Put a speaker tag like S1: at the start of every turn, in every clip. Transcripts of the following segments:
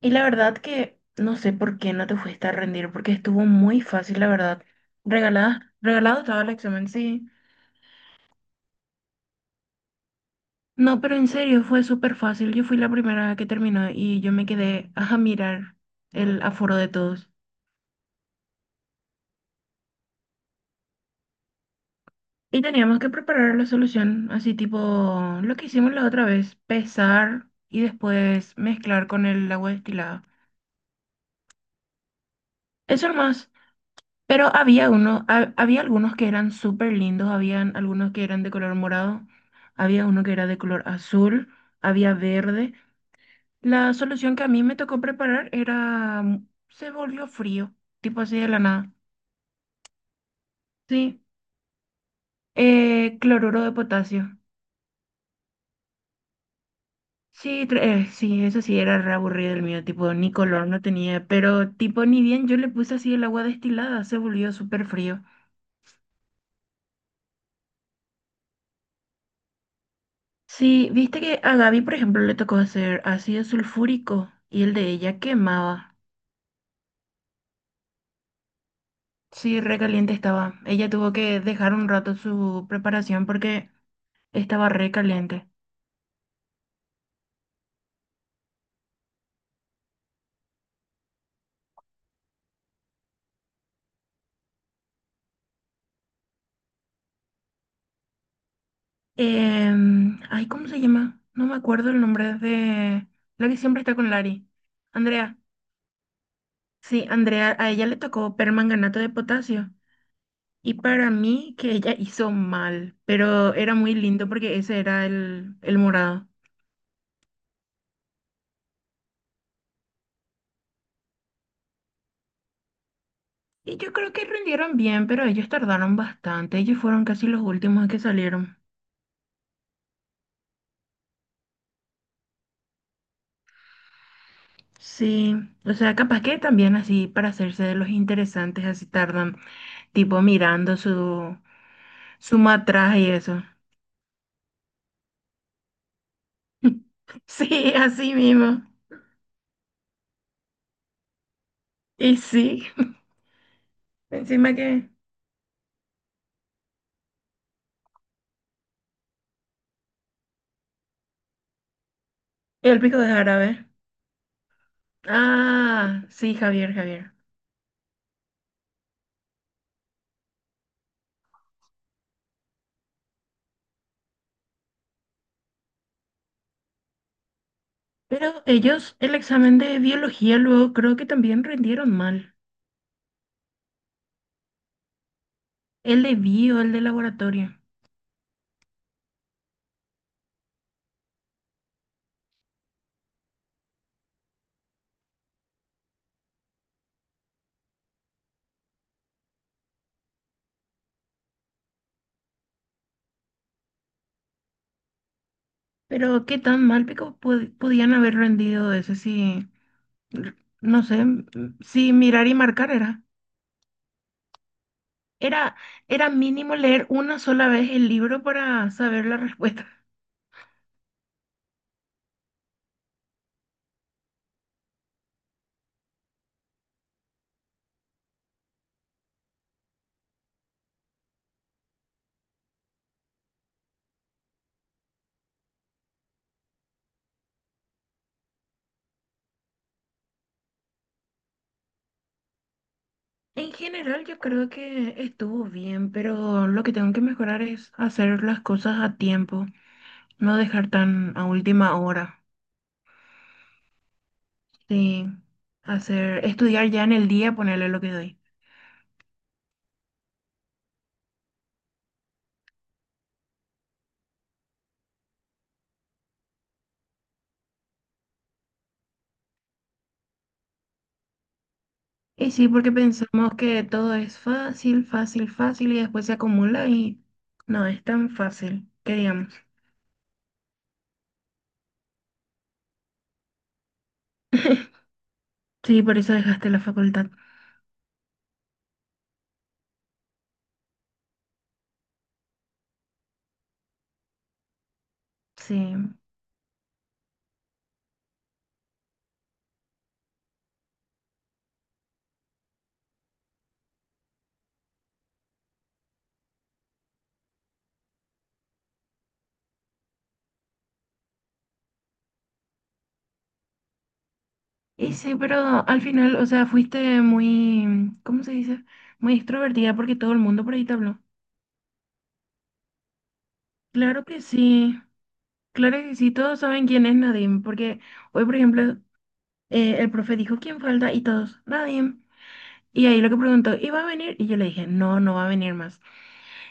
S1: Y la verdad que no sé por qué no te fuiste a rendir, porque estuvo muy fácil, la verdad. Regalado estaba el examen, sí. No, pero en serio, fue súper fácil. Yo fui la primera que terminó y yo me quedé a mirar el aforo de todos. Y teníamos que preparar la solución, así tipo lo que hicimos la otra vez, pesar y después mezclar con el agua destilada. Eso nomás. Pero había uno, había algunos que eran súper lindos, habían algunos que eran de color morado, había uno que era de color azul, había verde. La solución que a mí me tocó preparar era, se volvió frío, tipo así de la nada. Sí, cloruro de potasio. Sí, sí, eso sí era re aburrido el mío, tipo ni color no tenía, pero tipo ni bien yo le puse así el agua destilada, se volvió súper frío. Sí, viste que a Gaby, por ejemplo, le tocó hacer ácido sulfúrico y el de ella quemaba. Sí, recaliente estaba. Ella tuvo que dejar un rato su preparación porque estaba recaliente. Ay, ¿cómo se llama? No me acuerdo el nombre de la que siempre está con Lari. Andrea. Sí, Andrea, a ella le tocó permanganato de potasio. Y para mí que ella hizo mal, pero era muy lindo porque ese era el morado. Y yo creo que rindieron bien, pero ellos tardaron bastante. Ellos fueron casi los últimos que salieron. Sí, o sea, capaz que también así para hacerse de los interesantes, así tardan, tipo mirando su matraje y eso. Sí, así mismo. Y sí, encima que el pico de árabe. Ah, sí, Javier, Javier. Pero ellos, el examen de biología luego creo que también rindieron mal. El de bio, el de laboratorio. Pero qué tan mal pico podían haber rendido ese si, r- no sé, si mirar y marcar era. Era, era mínimo leer una sola vez el libro para saber la respuesta. En general yo creo que estuvo bien, pero lo que tengo que mejorar es hacer las cosas a tiempo, no dejar tan a última hora. Sí, hacer, estudiar ya en el día, ponerle lo que doy. Y sí, porque pensamos que todo es fácil, fácil, fácil y después se acumula y no es tan fácil, que digamos. Sí, por eso dejaste la facultad. Sí. Y sí, pero al final, o sea, fuiste muy, ¿cómo se dice? Muy extrovertida porque todo el mundo por ahí te habló. Claro que sí, claro que sí, todos saben quién es Nadim, porque hoy, por ejemplo, el profe dijo quién falta y todos, Nadim. Y ahí lo que preguntó, ¿y va a venir? Y yo le dije, no, no va a venir más.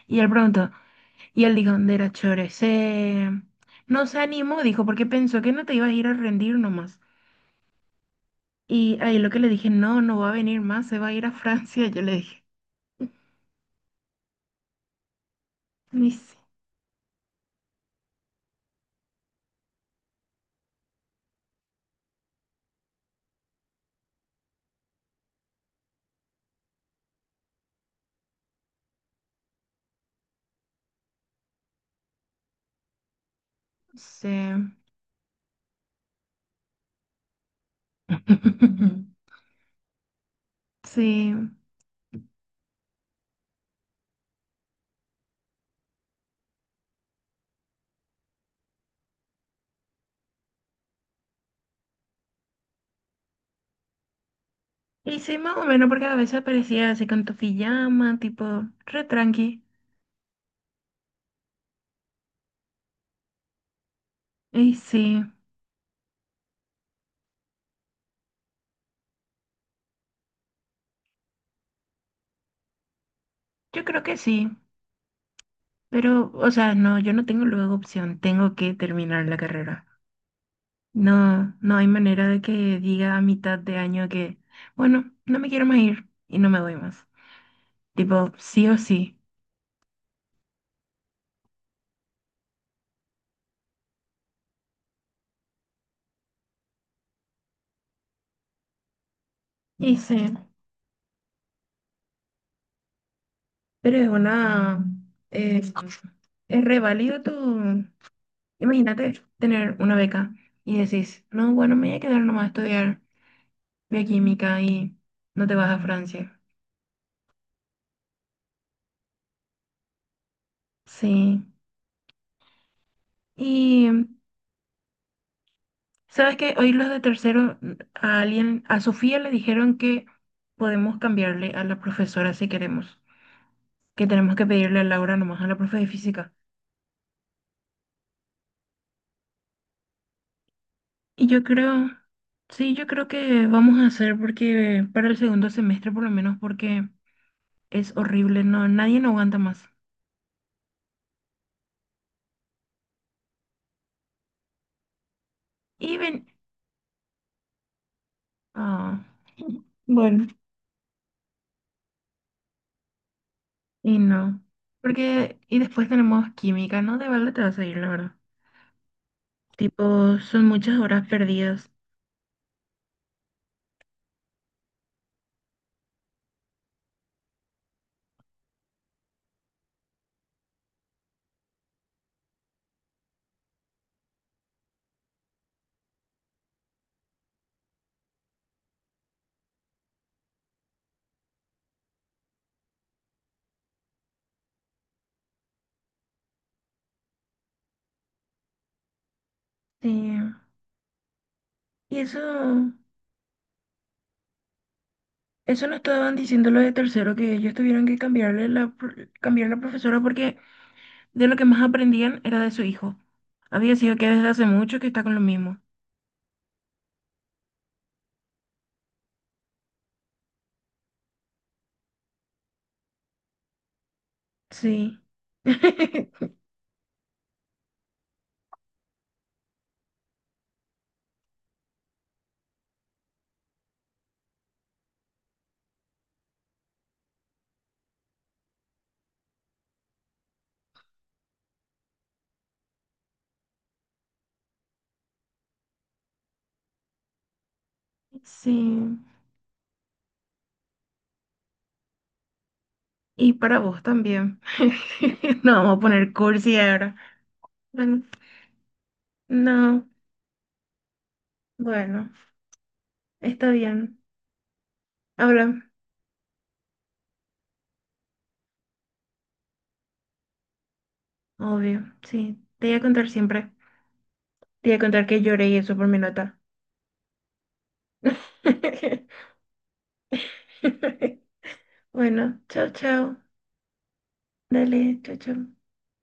S1: Y él preguntó. Y el Dijon era chore, se... No se animó, dijo, porque pensó que no te ibas a ir a rendir nomás. Y ahí lo que le dije, no, no va a venir más, se va a ir a Francia, yo le dije. Ni sí, no sé. Sí. Y sí, más o menos, porque a veces aparecía así con tu pijama, tipo, re tranqui. Y sí, yo creo que sí. Pero, o sea, no, yo no tengo luego opción, tengo que terminar la carrera. No, no hay manera de que diga a mitad de año que, bueno, no me quiero más ir y no me voy más. Tipo, sí o sí. Y sí, pero es una... eh, es re válido tu... Imagínate tener una beca y decís, no, bueno, me voy a quedar nomás a estudiar bioquímica y no te vas a Francia. Sí. Y, ¿sabes qué? Hoy los de tercero, a alguien, a Sofía le dijeron que podemos cambiarle a la profesora si queremos. Que tenemos que pedirle a Laura nomás a la profe de física. Y yo creo, sí, yo creo que vamos a hacer porque para el segundo semestre por lo menos porque es horrible, no, nadie no aguanta más. Y ven, ah, bueno, y no, porque, y después tenemos química, ¿no? De balde te vas a ir, la verdad. Tipo, son muchas horas perdidas. Sí. Y eso nos estaban diciendo los de tercero que ellos tuvieron que cambiarle cambiar la profesora porque de lo que más aprendían era de su hijo. Había sido que desde hace mucho que está con lo mismo. Sí. Sí. Y para vos también. No vamos a poner cursi ahora. Bueno, no. Bueno, está bien. Habla. Obvio. Sí. Te voy a contar siempre. Te voy a contar que lloré y eso por mi nota. Bueno, chao, chao. Dale, chao, chao.